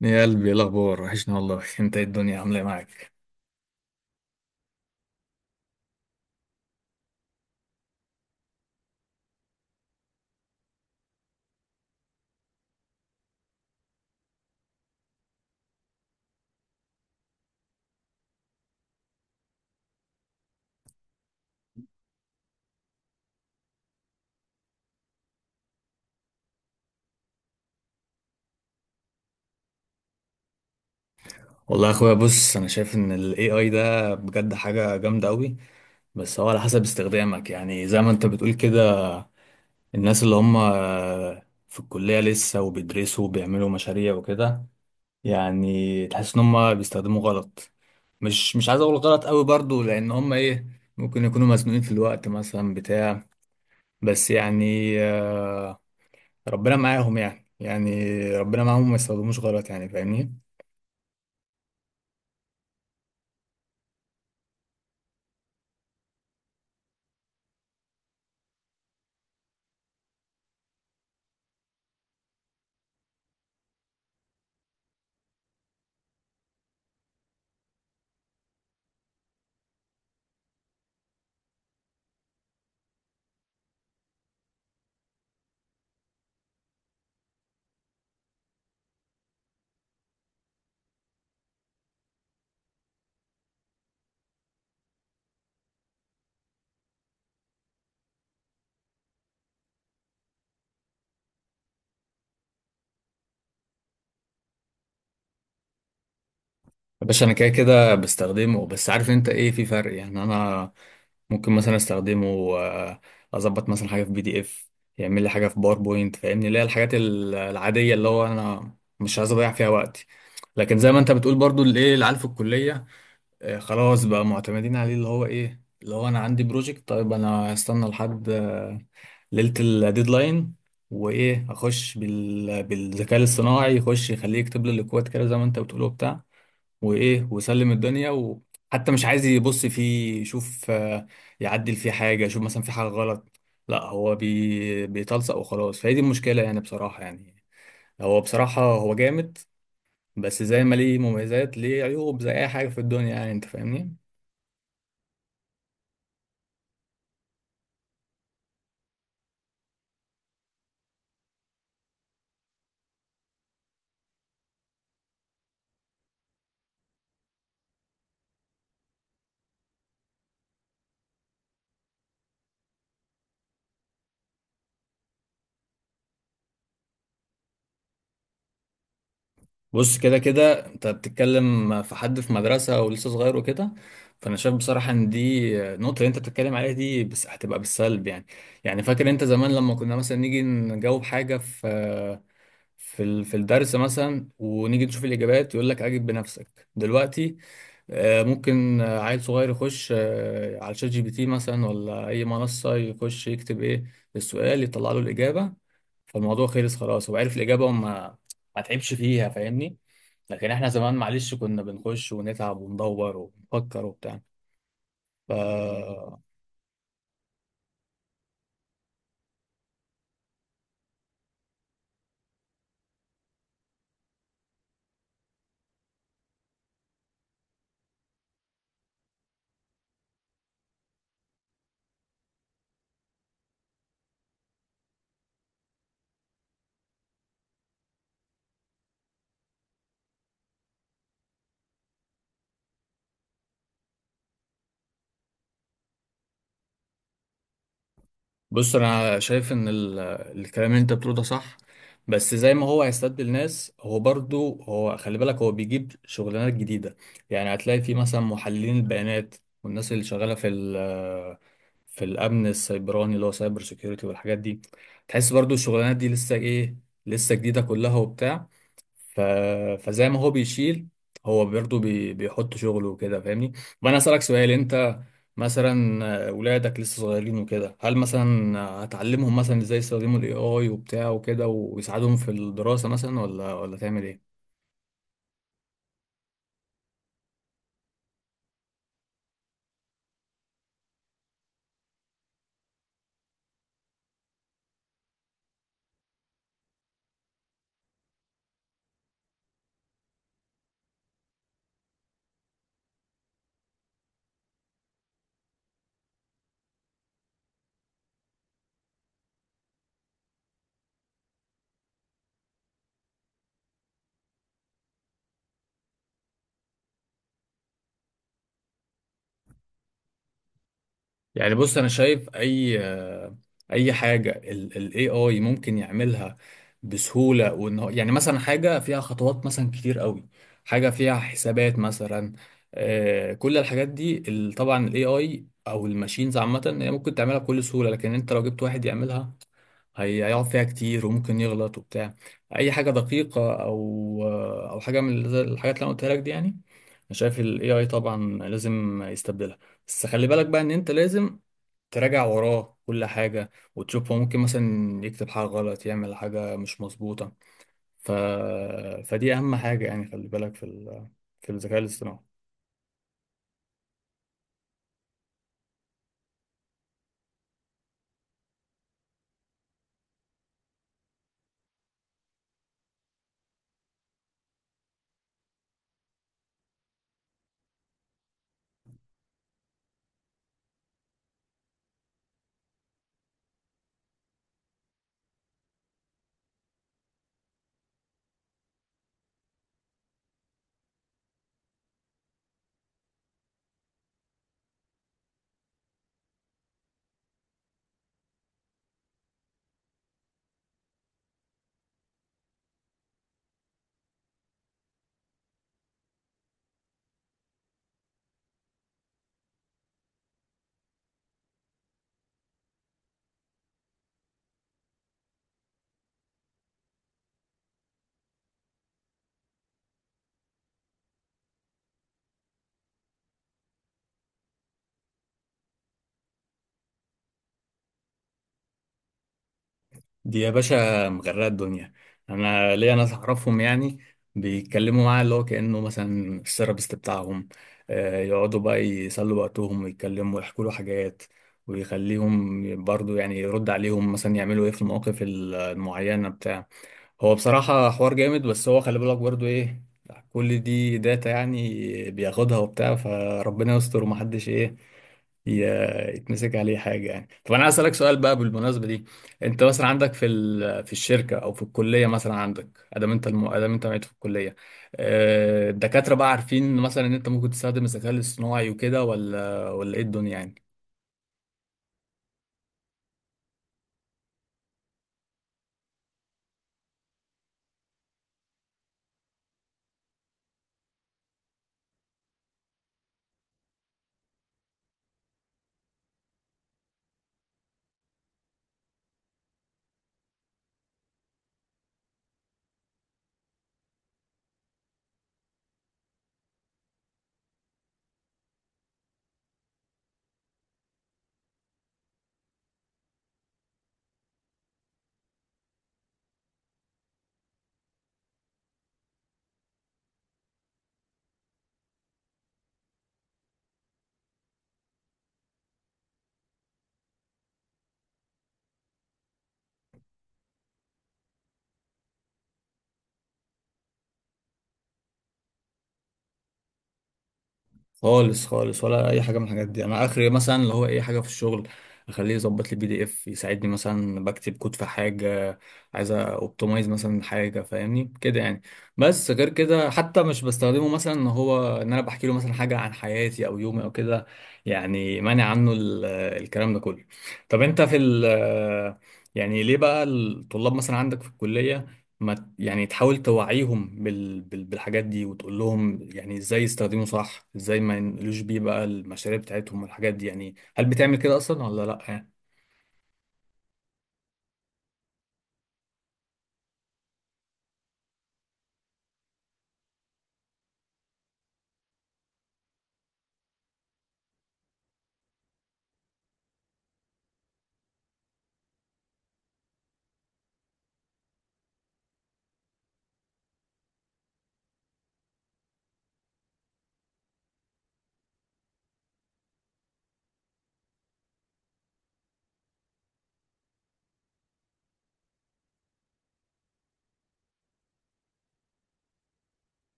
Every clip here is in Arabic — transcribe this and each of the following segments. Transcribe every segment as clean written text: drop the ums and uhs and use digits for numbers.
يا قلبي، ايه الاخبار؟ وحشنا والله. انت ايه؟ الدنيا عامله ايه معاك؟ والله يا اخويا، بص، انا شايف ان الاي اي ده بجد حاجه جامده قوي. بس هو على حسب استخدامك يعني، زي ما انت بتقول كده. الناس اللي هم في الكليه لسه وبيدرسوا وبيعملوا مشاريع وكده، يعني تحس ان هم بيستخدموا غلط. مش عايز اقول غلط قوي برضو، لان هم ايه، ممكن يكونوا مزنوقين في الوقت مثلا، بتاع. بس يعني ربنا معاهم، يعني ربنا معاهم ما يستخدموش غلط، يعني فاهمني. باشا، انا كده كده بستخدمه. بس عارف انت ايه؟ في فرق يعني، انا ممكن مثلا استخدمه، آه، اظبط مثلا حاجه في بي دي اف، يعمل لي حاجه في باوربوينت، فاهمني، اللي هي الحاجات العاديه اللي هو انا مش عايز اضيع فيها وقتي. لكن زي ما انت بتقول برضو، اللي ايه العيال في الكليه، خلاص بقى معتمدين عليه، اللي هو ايه، اللي هو انا عندي بروجكت. طيب، انا هستنى لحد ليله الديدلاين، وايه، اخش بالذكاء الاصطناعي، يخش يخليه يكتب لي الاكواد كده زي ما انت بتقول وبتاع، وايه وسلم الدنيا، وحتى مش عايز يبص فيه يشوف يعدل فيه حاجه، يشوف مثلا في حاجه غلط. لا، هو بيتلصق وخلاص. فهي دي المشكله يعني، بصراحه يعني. هو بصراحه هو جامد. بس زي ما ليه مميزات ليه عيوب، زي اي حاجه في الدنيا، يعني انت فاهمني. بص، كده كده انت بتتكلم في حد في مدرسة ولسه صغير وكده. فانا شايف بصراحة ان دي النقطة اللي انت بتتكلم عليها دي بس، هتبقى بالسلب يعني. يعني فاكر انت زمان لما كنا مثلا نيجي نجاوب حاجة في في الدرس مثلا، ونيجي نشوف الاجابات يقول لك اجب بنفسك. دلوقتي ممكن عيل صغير يخش على شات جي بي تي مثلا، ولا اي منصة، يخش يكتب ايه السؤال، يطلع له الاجابة. فالموضوع خلص خلاص، هو عرف الإجابة، وما ما تعبش فيها، فاهمني. لكن احنا زمان معلش كنا بنخش ونتعب وندور ونفكر وبتاع. ف بص، انا شايف ان الكلام اللي انت بتقوله ده صح. بس زي ما هو هيستبدل ناس، هو برضو، هو خلي بالك، هو بيجيب شغلانات جديدة. يعني هتلاقي في مثلا محللين البيانات، والناس اللي شغالة في الامن السيبراني اللي هو سايبر سيكيورتي والحاجات دي. تحس برضو الشغلانات دي لسه ايه، لسه جديدة كلها وبتاع. ف... فزي ما هو بيشيل، هو برضه بيحط شغله وكده، فاهمني. وانا اسالك سؤال، انت مثلا ولادك لسه صغيرين وكده، هل مثلا هتعلمهم مثلا ازاي يستخدموا الاي اي وبتاع وكده ويساعدهم في الدراسة مثلا، ولا تعمل ايه؟ يعني بص، انا شايف اي حاجه الاي اي ممكن يعملها بسهوله، وان هو يعني مثلا حاجه فيها خطوات مثلا كتير قوي، حاجه فيها حسابات مثلا، كل الحاجات دي طبعا الاي اي او الماشينز عامه هي ممكن تعملها بكل سهوله، لكن انت لو جبت واحد يعملها، هيقعد فيها كتير وممكن يغلط وبتاع. اي حاجه دقيقه، او حاجه من زي الحاجات اللي انا قلتها لك دي يعني، انا شايف الاي اي طبعا لازم يستبدلها. بس خلي بالك بقى ان انت لازم تراجع وراه كل حاجة وتشوف، هو ممكن مثلا يكتب حاجة غلط، يعمل حاجة مش مظبوطة. ف... فدي أهم حاجة، يعني خلي بالك في الذكاء الاصطناعي. دي يا باشا مغرقة الدنيا. أنا ليا ناس أعرفهم يعني، بيتكلموا معاه اللي هو كأنه مثلا الثيرابيست بتاعهم. يقعدوا بقى يسلوا وقتهم ويتكلموا ويحكوا له حاجات، ويخليهم برضو يعني يرد عليهم مثلا يعملوا ايه في المواقف المعينة، بتاع. هو بصراحة حوار جامد، بس هو خلي بالك برضو ايه، كل دي داتا يعني بياخدها وبتاع، فربنا يستر، ومحدش ايه، يتمسك عليه حاجة يعني. طب انا عايز اسألك سؤال بقى بالمناسبة دي. انت مثلا عندك في الشركة، او في الكلية مثلا، عندك ادام انت معيد في الكلية، الدكاترة بقى عارفين مثلا ان انت ممكن تستخدم الذكاء الاصطناعي وكده، ولا ايه الدنيا يعني؟ خالص خالص، ولا اي حاجه من الحاجات دي. انا اخري مثلا اللي هو اي حاجه في الشغل، اخليه يظبط لي بي دي اف، يساعدني مثلا بكتب كود في حاجه، عايز اوبتمايز مثلا حاجه، فاهمني كده يعني. بس غير كده حتى مش بستخدمه مثلا ان هو ان انا بحكي له مثلا حاجه عن حياتي او يومي او كده. يعني مانع عنه الكلام ده كله. طب انت في ال يعني ليه بقى الطلاب مثلا عندك في الكليه ما ت- يعني تحاول توعيهم بالحاجات دي، وتقول لهم يعني ازاي يستخدموا صح، ازاي ما ينقلوش بيه بقى المشاريع بتاعتهم والحاجات دي. يعني هل بتعمل كده اصلا ولا لا يعني؟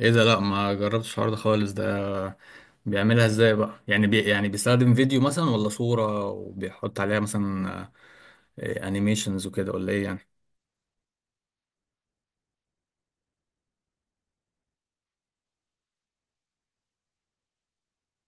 ايه ده؟ لا، ما جربتش الحوار ده خالص. ده بيعملها ازاي بقى؟ يعني يعني بيستخدم فيديو مثلا ولا صورة، وبيحط عليها مثلا انيميشنز وكده، ولا ايه يعني؟